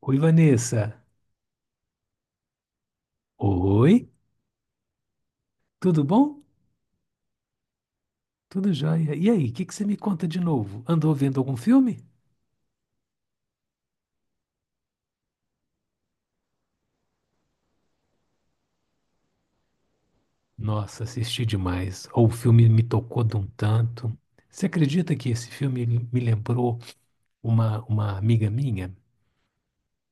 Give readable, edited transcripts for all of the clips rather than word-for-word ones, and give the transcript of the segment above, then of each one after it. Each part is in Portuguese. Oi, Vanessa. Oi, tudo bom? Tudo jóia. E aí, o que que você me conta de novo? Andou vendo algum filme? Nossa, assisti demais. O filme me tocou de um tanto. Você acredita que esse filme ele me lembrou uma amiga minha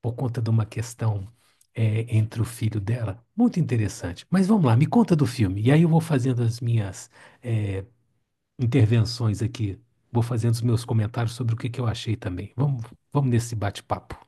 por conta de uma questão entre o filho dela? Muito interessante. Mas vamos lá, me conta do filme. E aí eu vou fazendo as minhas é, intervenções aqui. Vou fazendo os meus comentários sobre o que que eu achei também. Vamos nesse bate-papo.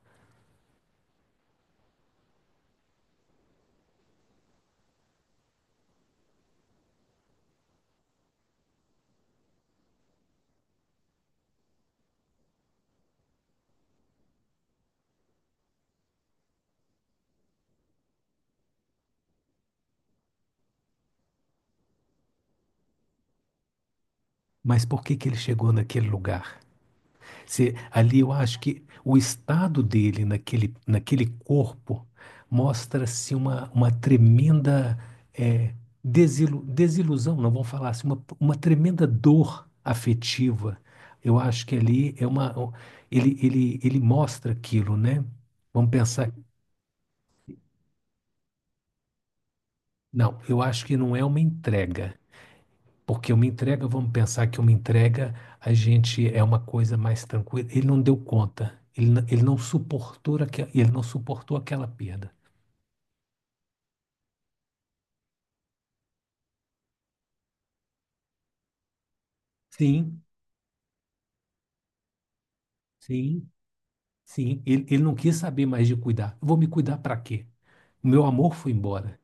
Mas por que que ele chegou naquele lugar? Se ali eu acho que o estado dele naquele corpo mostra-se uma tremenda eh, desilusão, não vamos falar assim, uma tremenda dor afetiva. Eu acho que ali é uma ele mostra aquilo, né? Vamos pensar, não, eu acho que não é uma entrega. Porque uma entrega, vamos pensar que uma entrega a gente é uma coisa mais tranquila. Ele não deu conta, ele não suportou aquela perda. Sim, sim, sim. Ele não quis saber mais de cuidar. Eu vou me cuidar para quê? O meu amor foi embora,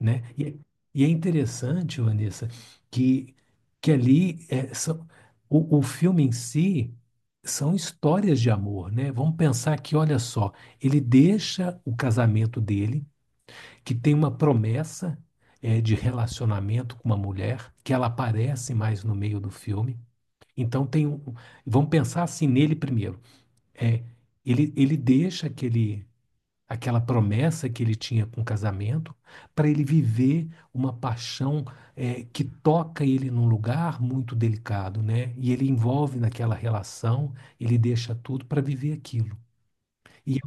né? E é interessante, Vanessa, que, que ali são, o filme em si são histórias de amor, né? Vamos pensar que, olha só, ele deixa o casamento dele que tem uma promessa de relacionamento com uma mulher, que ela aparece mais no meio do filme. Então tem um, vamos pensar assim nele primeiro. É, ele deixa aquela promessa que ele tinha com o casamento para ele viver uma paixão que toca ele num lugar muito delicado, né? E ele envolve naquela relação, ele deixa tudo para viver aquilo. E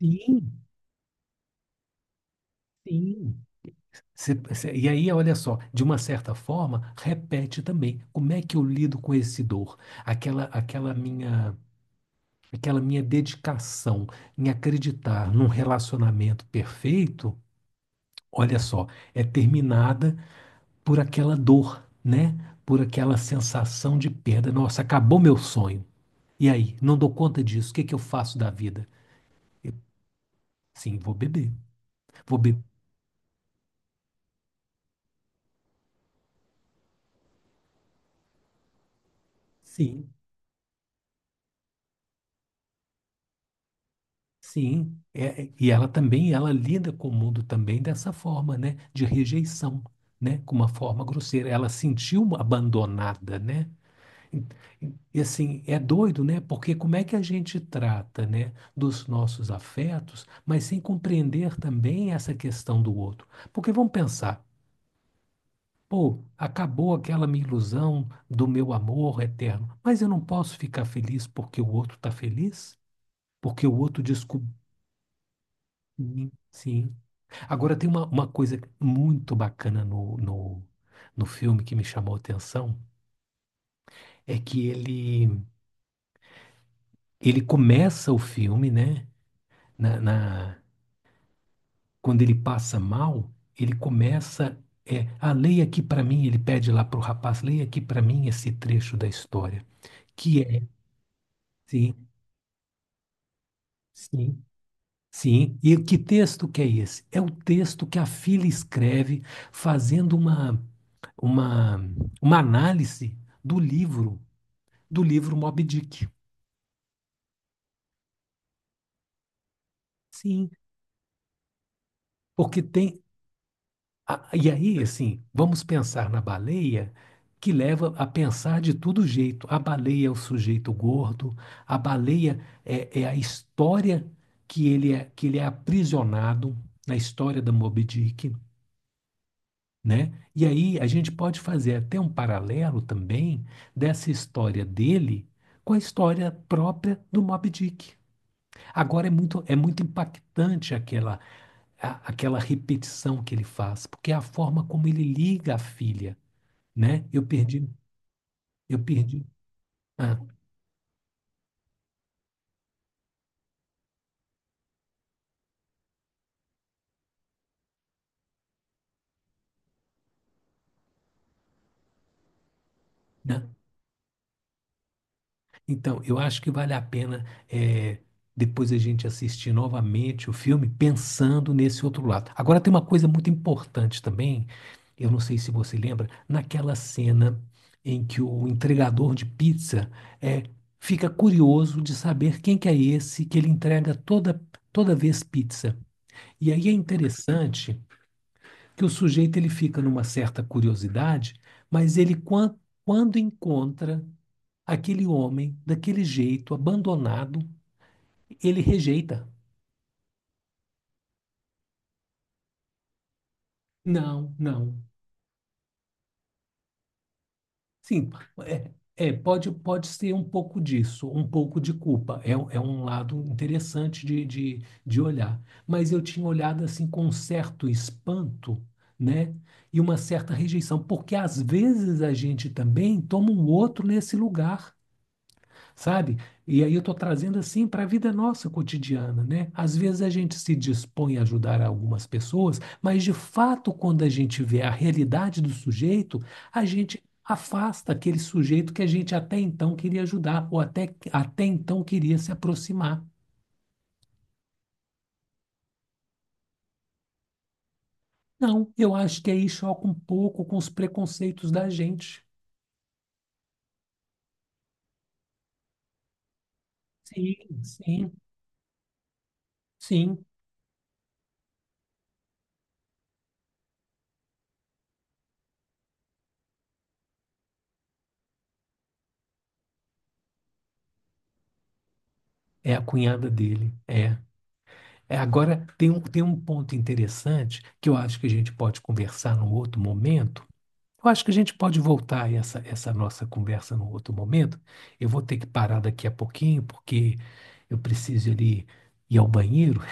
sim, sim. E aí, olha só, de uma certa forma, repete também. Como é que eu lido com esse dor? Aquela, aquela minha, aquela minha dedicação em acreditar num relacionamento perfeito, olha só, é terminada por aquela dor, né? Por aquela sensação de perda. Nossa, acabou meu sonho. E aí, não dou conta disso. O que que eu faço da vida? Eu, sim, vou beber. Vou beber. Sim. Sim, e ela também, ela lida com o mundo também dessa forma, né? De rejeição, né? Com uma forma grosseira. Ela sentiu abandonada, né? E e, assim, é doido, né? Porque como é que a gente trata, né, dos nossos afetos, mas sem compreender também essa questão do outro? Porque vamos pensar, pô, acabou aquela minha ilusão do meu amor eterno, mas eu não posso ficar feliz porque o outro está feliz? Porque o outro descobriu. Sim. Agora tem uma coisa muito bacana no filme que me chamou a atenção, é que ele começa o filme, né? Na, na- quando ele passa mal, ele começa. Leia aqui para mim, ele pede lá para o rapaz, leia aqui para mim esse trecho da história. Que é, sim, sim, sim. E que texto que é esse? É o texto que a filha escreve fazendo uma, uma análise do livro do livro Moby Dick. Sim. Porque tem. E aí, assim, vamos pensar na baleia, que leva a pensar de todo jeito. A baleia é o sujeito gordo, a baleia é a história que ele é aprisionado na história da Moby Dick, né? E aí a gente pode fazer até um paralelo também dessa história dele com a história própria do Moby Dick. Agora é muito impactante aquela repetição que ele faz, porque é a forma como ele liga a filha, né? Eu perdi, eu perdi. Ah, né? Então, eu acho que vale a pena é, depois a gente assistir novamente o filme pensando nesse outro lado. Agora tem uma coisa muito importante também, eu não sei se você lembra, naquela cena em que o entregador de pizza é, fica curioso de saber quem que é esse que ele entrega toda vez pizza. E aí é interessante que o sujeito ele fica numa certa curiosidade, mas quando encontra aquele homem daquele jeito abandonado, ele rejeita. Não, não. Sim, pode ser um pouco disso, um pouco de culpa. É é um lado interessante de olhar. Mas eu tinha olhado assim com um certo espanto, né? E uma certa rejeição, porque às vezes a gente também toma um outro nesse lugar sabe? E aí eu estou trazendo assim para a vida nossa cotidiana, né? Às vezes a gente se dispõe a ajudar algumas pessoas, mas de fato, quando a gente vê a realidade do sujeito, a gente afasta aquele sujeito que a gente até então queria ajudar, ou até então queria se aproximar. Não, eu acho que aí choca um pouco com os preconceitos da gente. Sim, sim, sim. É a cunhada dele. É. Agora, tem um ponto interessante que eu acho que a gente pode conversar num outro momento. Eu acho que a gente pode voltar a essa nossa conversa num outro momento. Eu vou ter que parar daqui a pouquinho, porque eu preciso ali ir ao banheiro.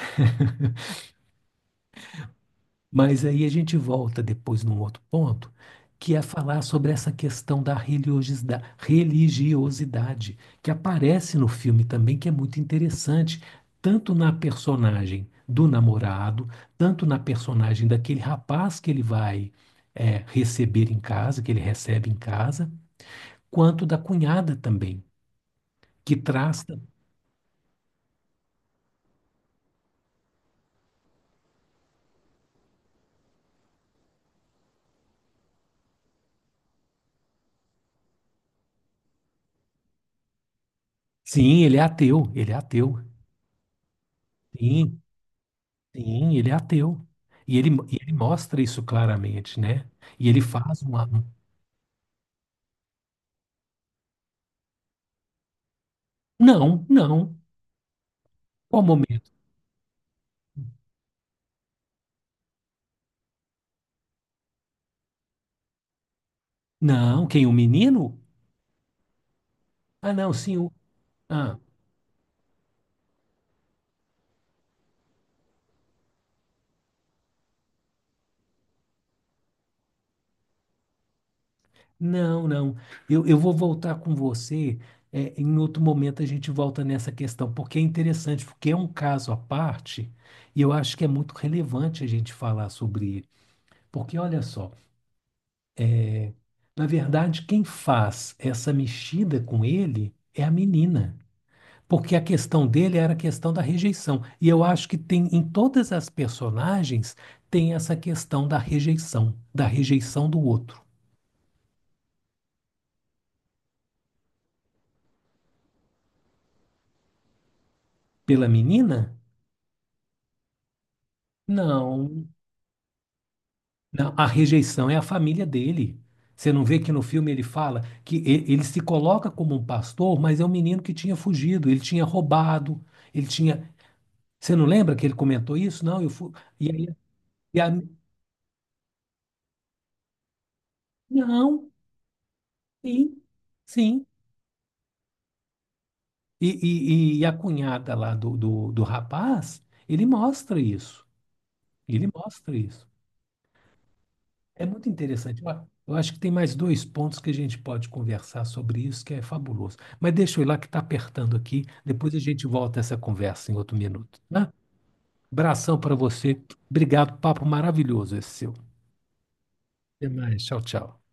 Mas aí a gente volta depois num outro ponto, que é falar sobre essa questão da religiosidade, que aparece no filme também, que é muito interessante, tanto na personagem do namorado, tanto na personagem daquele rapaz que ele vai, receber em casa, que ele recebe em casa, quanto da cunhada também, que traz. Sim, ele é ateu, ele é ateu. Sim. Sim, ele é ateu. E ele mostra isso claramente, né? E ele faz uma. Não, não. Qual momento? Não, quem? O menino? Ah, não, sim. O... Ah, não, não. Eu vou voltar com você. É, em outro momento a gente volta nessa questão, porque é interessante, porque é um caso à parte, e eu acho que é muito relevante a gente falar sobre ele. Porque olha só, na verdade, quem faz essa mexida com ele é a menina. Porque a questão dele era a questão da rejeição. E eu acho que tem em todas as personagens tem essa questão da rejeição do outro. Pela menina? Não. Não, a rejeição é a família dele. Você não vê que no filme ele fala que ele se coloca como um pastor, mas é um menino que tinha fugido, ele tinha roubado, ele tinha. Você não lembra que ele comentou isso? Não, eu fui. E aí, e a... Não, sim, sim. E a cunhada lá do rapaz, ele mostra isso. Ele mostra isso. É muito interessante. Ó, eu acho que tem mais dois pontos que a gente pode conversar sobre isso, que é fabuloso. Mas deixa eu ir lá que está apertando aqui. Depois a gente volta essa conversa em outro minuto, né? Abração para você. Obrigado, papo maravilhoso esse seu. Até mais. Tchau, tchau.